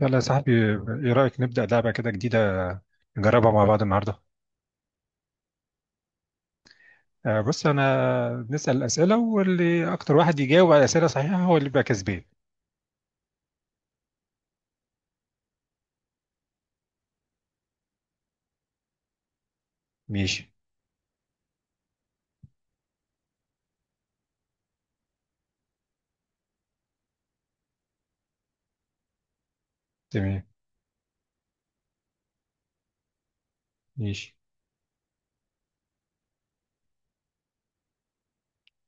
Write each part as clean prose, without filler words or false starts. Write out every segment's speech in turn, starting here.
يلا يا صاحبي، ايه رأيك نبدأ لعبة كده جديدة، نجربها مع بعض النهاردة. بص انا بنسأل أسئلة، واللي اكتر واحد يجاوب على أسئلة صحيحة هو اللي بيبقى كسبان. ماشي. تمام. ماشي.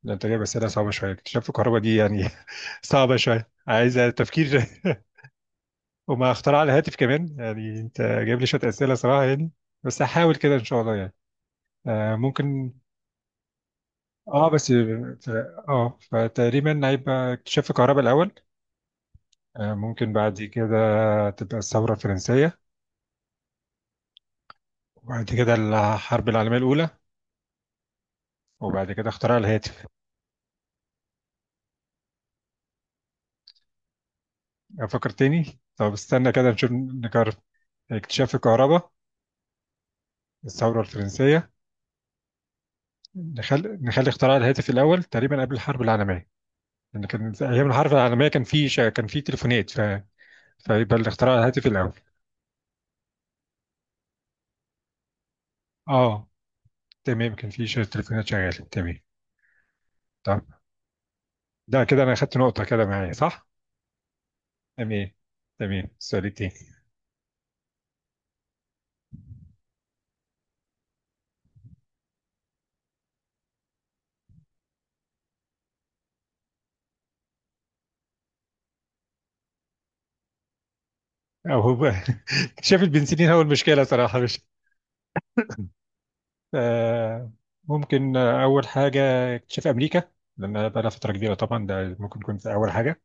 ده انت جايب أسئلة صعبة شوية، اكتشاف الكهرباء دي يعني صعبة شوية، عايزة تفكير. وما اختراع الهاتف كمان، يعني انت جايب لي شوية أسئلة صراحة يعني. بس هحاول كده ان شاء الله يعني. ممكن. اه بس، اه فتقريبا هيبقى اكتشاف الكهرباء الأول. ممكن بعد كده هتبقى الثورة الفرنسية، وبعد كده الحرب العالمية الأولى، وبعد كده اختراع الهاتف. أفكر تاني. طب استنى كده نشوف نكرر. اكتشاف الكهرباء، الثورة الفرنسية. نخلي اختراع الهاتف الأول تقريبا قبل الحرب العالمية، لأن كان في أيام الحرب العالمية كان في تليفونات فيبقى الاختراع الهاتف الأول. اه تمام، كان في تليفونات شغالة تمام. طب ده كده أنا أخدت نقطة كده معايا، صح؟ تمام. تمام، السؤال التاني. أو اكتشاف البنسلين هو المشكلة صراحة، مش آه، ممكن. أول حاجة اكتشاف أمريكا، لأن بقى لها فترة كبيرة طبعا، ده ممكن يكون في أول حاجة.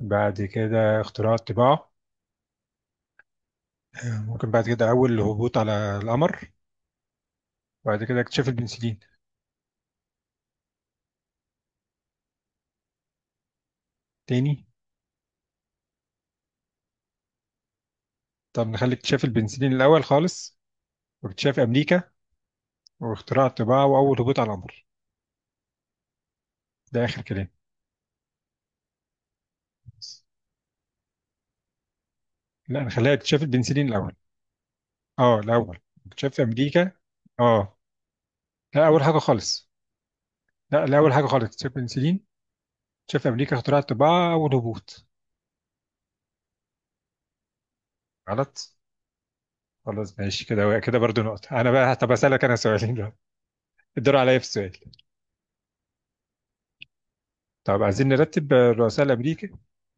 بعد كده اختراع الطباعة. ممكن بعد كده أول هبوط على القمر. بعد كده اكتشاف البنسلين. تاني. طب نخلي اكتشاف البنسلين الأول خالص، واكتشاف أمريكا، واختراع الطباعة، وأول هبوط على القمر. ده آخر كلام. لا، نخليها اكتشاف البنسلين الأول. أه الأول. اكتشاف أمريكا. أه. لا أول حاجة خالص. لا، لا، أول حاجة خالص اكتشاف البنسلين، اكتشاف أمريكا، اختراع الطباعة، أول هبوط. غلط. خلاص، ماشي كده، كده برضو نقطة أنا بقى. طب أسألك أنا سؤالين دلوقتي، الدور عليا في السؤال. طب عايزين نرتب الرؤساء الأمريكا.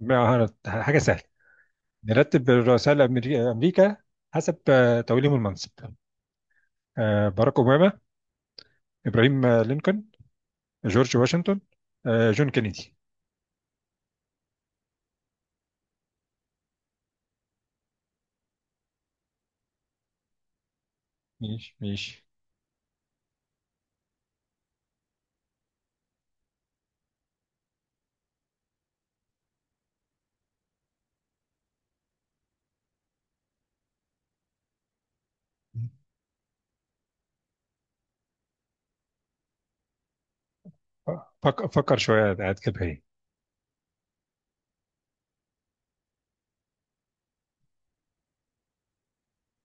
ما حاجة سهلة. نرتب الرؤساء أمريكا حسب توليهم المنصب. باراك أوباما، إبراهيم لينكولن، جورج واشنطن، جون كينيدي. ماشي، ماشي. فكر شوية، قاعد كده إيه.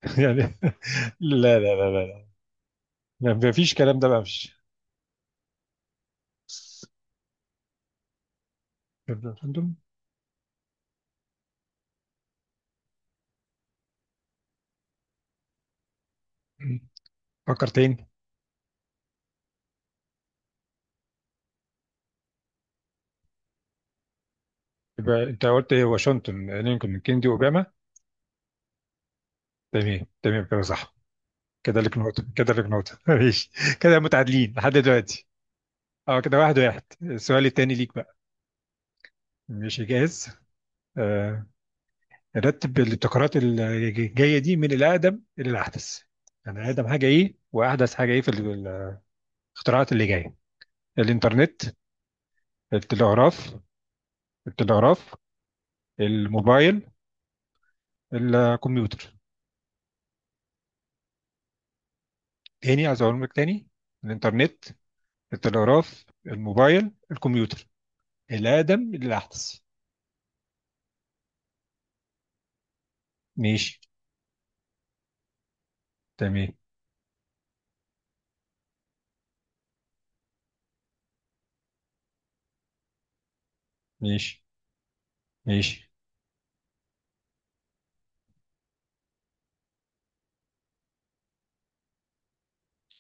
يعني لا، لا، لا، لا. لا مفيش كلام ده بقى، مفيش. فكر تاني. يبقى انت قلت ايه؟ واشنطن لينكولن كيندي اوباما. تمام، تمام كده، صح. كده لك نقطة، كده لك نقطة ماشي. كده متعادلين لحد دلوقتي. اه كده واحد واحد، السؤال التاني ليك بقى. ماشي، جاهز. آه. رتب الابتكارات الجاية دي من الأقدم إلى الأحدث، يعني أقدم حاجة إيه وأحدث حاجة إيه في الاختراعات اللي جاية. الإنترنت، التلغراف. التلغراف، الموبايل، الكمبيوتر. تاني، عايز أقول لك تاني. الإنترنت، التلغراف، الموبايل، الكمبيوتر. الأقدم للأحدث. ماشي. تمام. ماشي. ماشي.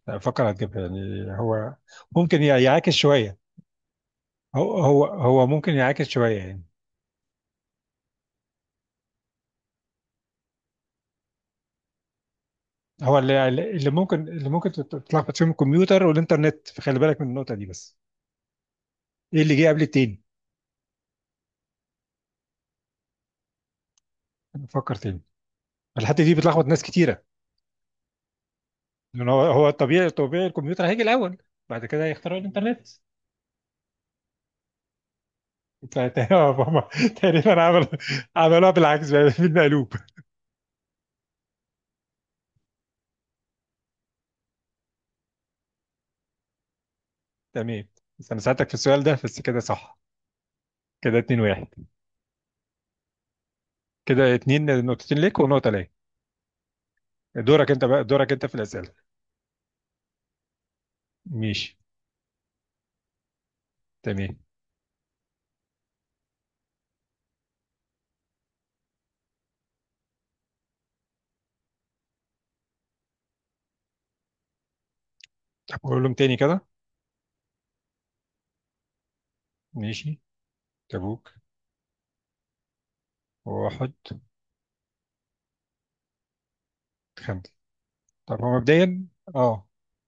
لا، أفكر، هتجيبها يعني، هو ممكن يعاكس شوية. هو ممكن يعاكس شوية يعني. هو اللي ممكن اللي ممكن تتلخبط فيهم الكمبيوتر والإنترنت، فخلي بالك من النقطة دي بس. إيه اللي جه قبل التاني؟ فكر تاني. الحتة دي بتلخبط ناس كتيرة. لأن هو الطبيعي، طبيعي الكمبيوتر هيجي الأول، بعد كده هيخترعوا الإنترنت. فت- تقريبا عمل، عملوها بالعكس بقى بالمقلوب. تمام. بس انا ساعدتك في السؤال ده بس، كده صح. كده اتنين واحد. كده اتنين، نقطتين ليك ونقطة ليا. دورك انت بقى، دورك انت في الأسئلة. ماشي. تمام. طب قولهم تاني كده. ماشي. تبوك. واحد. خمسة. طب هو مبدئيا. اه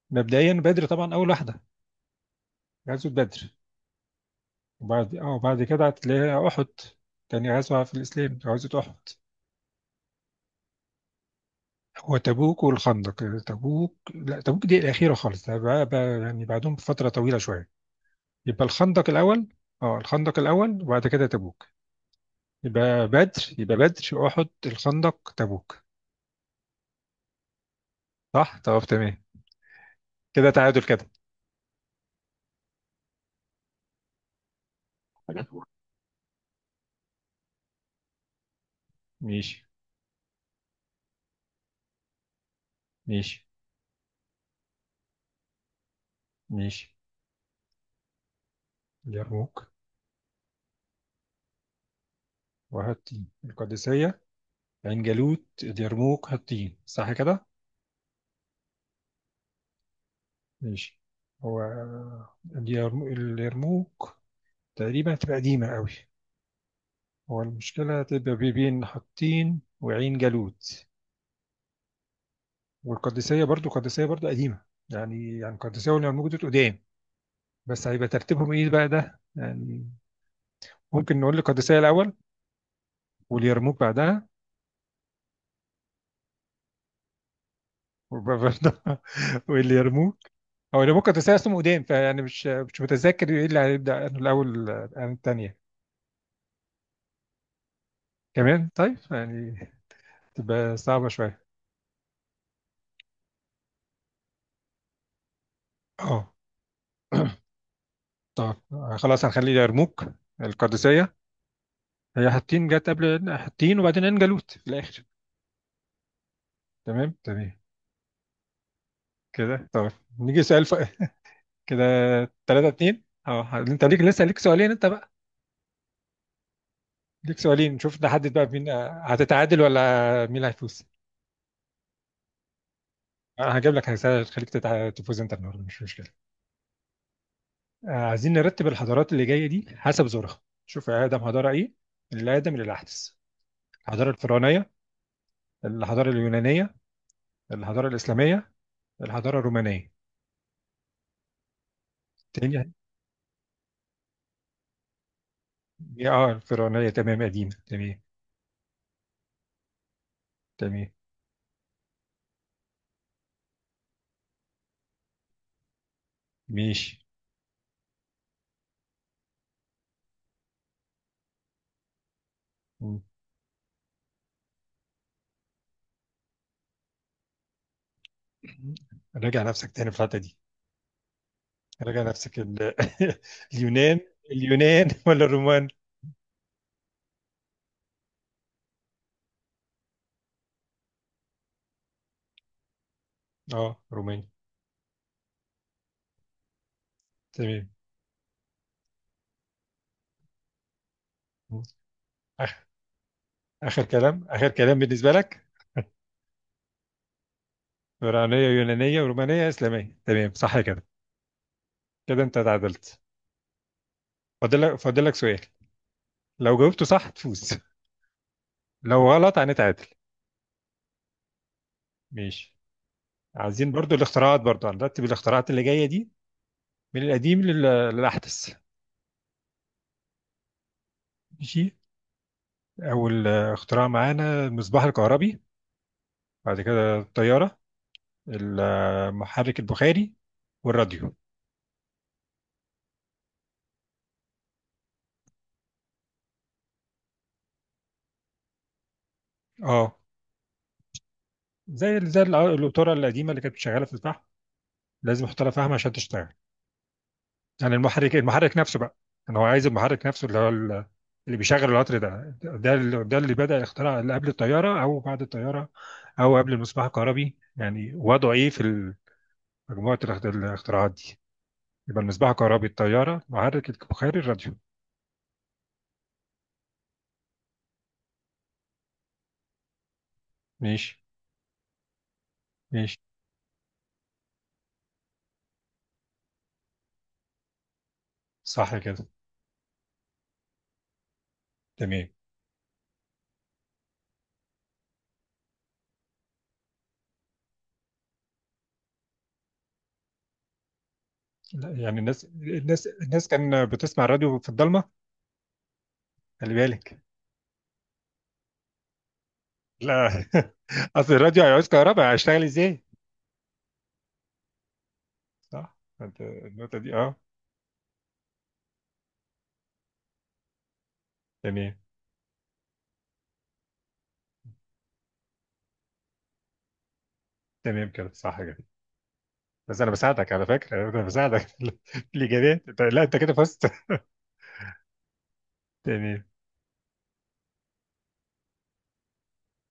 مبدئيا بدر طبعا أول واحدة، غزوة بدر. وبعد وبعد كده هتلاقيها أحد، تاني غزوة في الإسلام غزوة أحد. هو تبوك والخندق، تبوك، لا تبوك دي الأخيرة خالص، ده بقى يعني بعدهم بفترة طويلة شوية. يبقى الخندق الأول. اه الخندق الأول وبعد كده تبوك. يبقى بدر أحد الخندق تبوك. صح؟ طب تمام. كده تعادل كده. ماشي. ماشي. ماشي. اليرموك. وهاتين القادسية، عين جالوت، اليرموك، هاتين، صح كده؟ ماشي. هو اليرموك تقريبا هتبقى قديمة قوي. هو المشكلة هتبقى بين حطين وعين جالوت. والقادسية برضو، القادسية برضو قديمة. يعني، يعني القادسية واليرموك دول قدام، بس هيبقى ترتيبهم ايه بقى ده يعني. ممكن نقول القادسية الأول واليرموك بعدها. وبرضه واليرموك. هو اليرموك القادسية اسمه قدام، فيعني مش متذكر ايه اللي هيبدأ أنه الأول عن التانية. كمان، طيب يعني تبقى صعبة شوية. اه طب خلاص هنخلي اليرموك، القادسية، هي حطين، جت قبل حطين، وبعدين عين جالوت في الآخر. تمام، تمام كده. طيب نيجي سؤال كده. 3-2 اه انت ليك لسه ليك سؤالين انت بقى، ليك سؤالين نشوف نحدد بقى مين هتتعادل ولا مين اللي هيفوز. انا هجيب لك، هسأل خليك تفوز انت النهارده، مش مشكله. عايزين نرتب الحضارات اللي جايه دي حسب زورها، شوف يا ادم حضاره ايه، من الادم للاحدث. الحضاره الفرعونيه، الحضاره اليونانيه، الحضاره الاسلاميه، الحضاره الرومانيه. تاني. اه الفرعونيه تمام، قديمه، تمام. تمام. ماشي. م. راجع نفسك تاني في الحته دي. راجع نفسك اليونان. اليونان ولا الرومان؟ اه روماني. تمام. آخ... اخر كلام، اخر كلام بالنسبه لك. فرعونيه، يونانيه، ورومانيه، اسلاميه، تمام، صح كده. كده انت تعادلت. فاضل لك سؤال، لو جاوبته صح تفوز، لو غلط هنتعادل. ماشي. عايزين برضو الاختراعات، برضو هنرتب الاختراعات اللي جايه دي من القديم للاحدث. ماشي. اول اختراع معانا المصباح الكهربي، بعد كده الطياره، المحرك البخاري، والراديو. اه زي القطوره القديمه اللي كانت شغاله في الفحم، لازم احط لها فحم عشان تشتغل. يعني المحرك نفسه بقى. انا هو عايز المحرك نفسه اللي هو اللي بيشغل القطر ده، ده اللي بدأ يخترع اللي قبل الطياره او بعد الطياره، او قبل المصباح الكهربي يعني، وضعه ايه في مجموعه الاختراعات دي؟ يبقى المصباح الكهربي، الطياره، محرك البخاري، الراديو. ماشي. ماشي. صح كده. تمام. لا يعني الناس كان بتسمع الراديو في الضلمه، خلي بالك. لا اصل الراديو هيعوز كهرباء، هيشتغل ازاي؟ صح انت، النقطه دي اه. تمام، تمام كده، صح كده. بس انا بساعدك على فكره، انا بساعدك في الاجابات. لا انت كده فزت. تمام.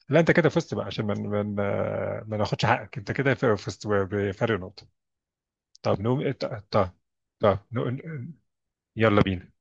لا انت كده فزت بقى، عشان ما ناخدش حقك، انت كده فزت بفرق نقطه. طب نقوم، طب طب نقول- يلا بينا.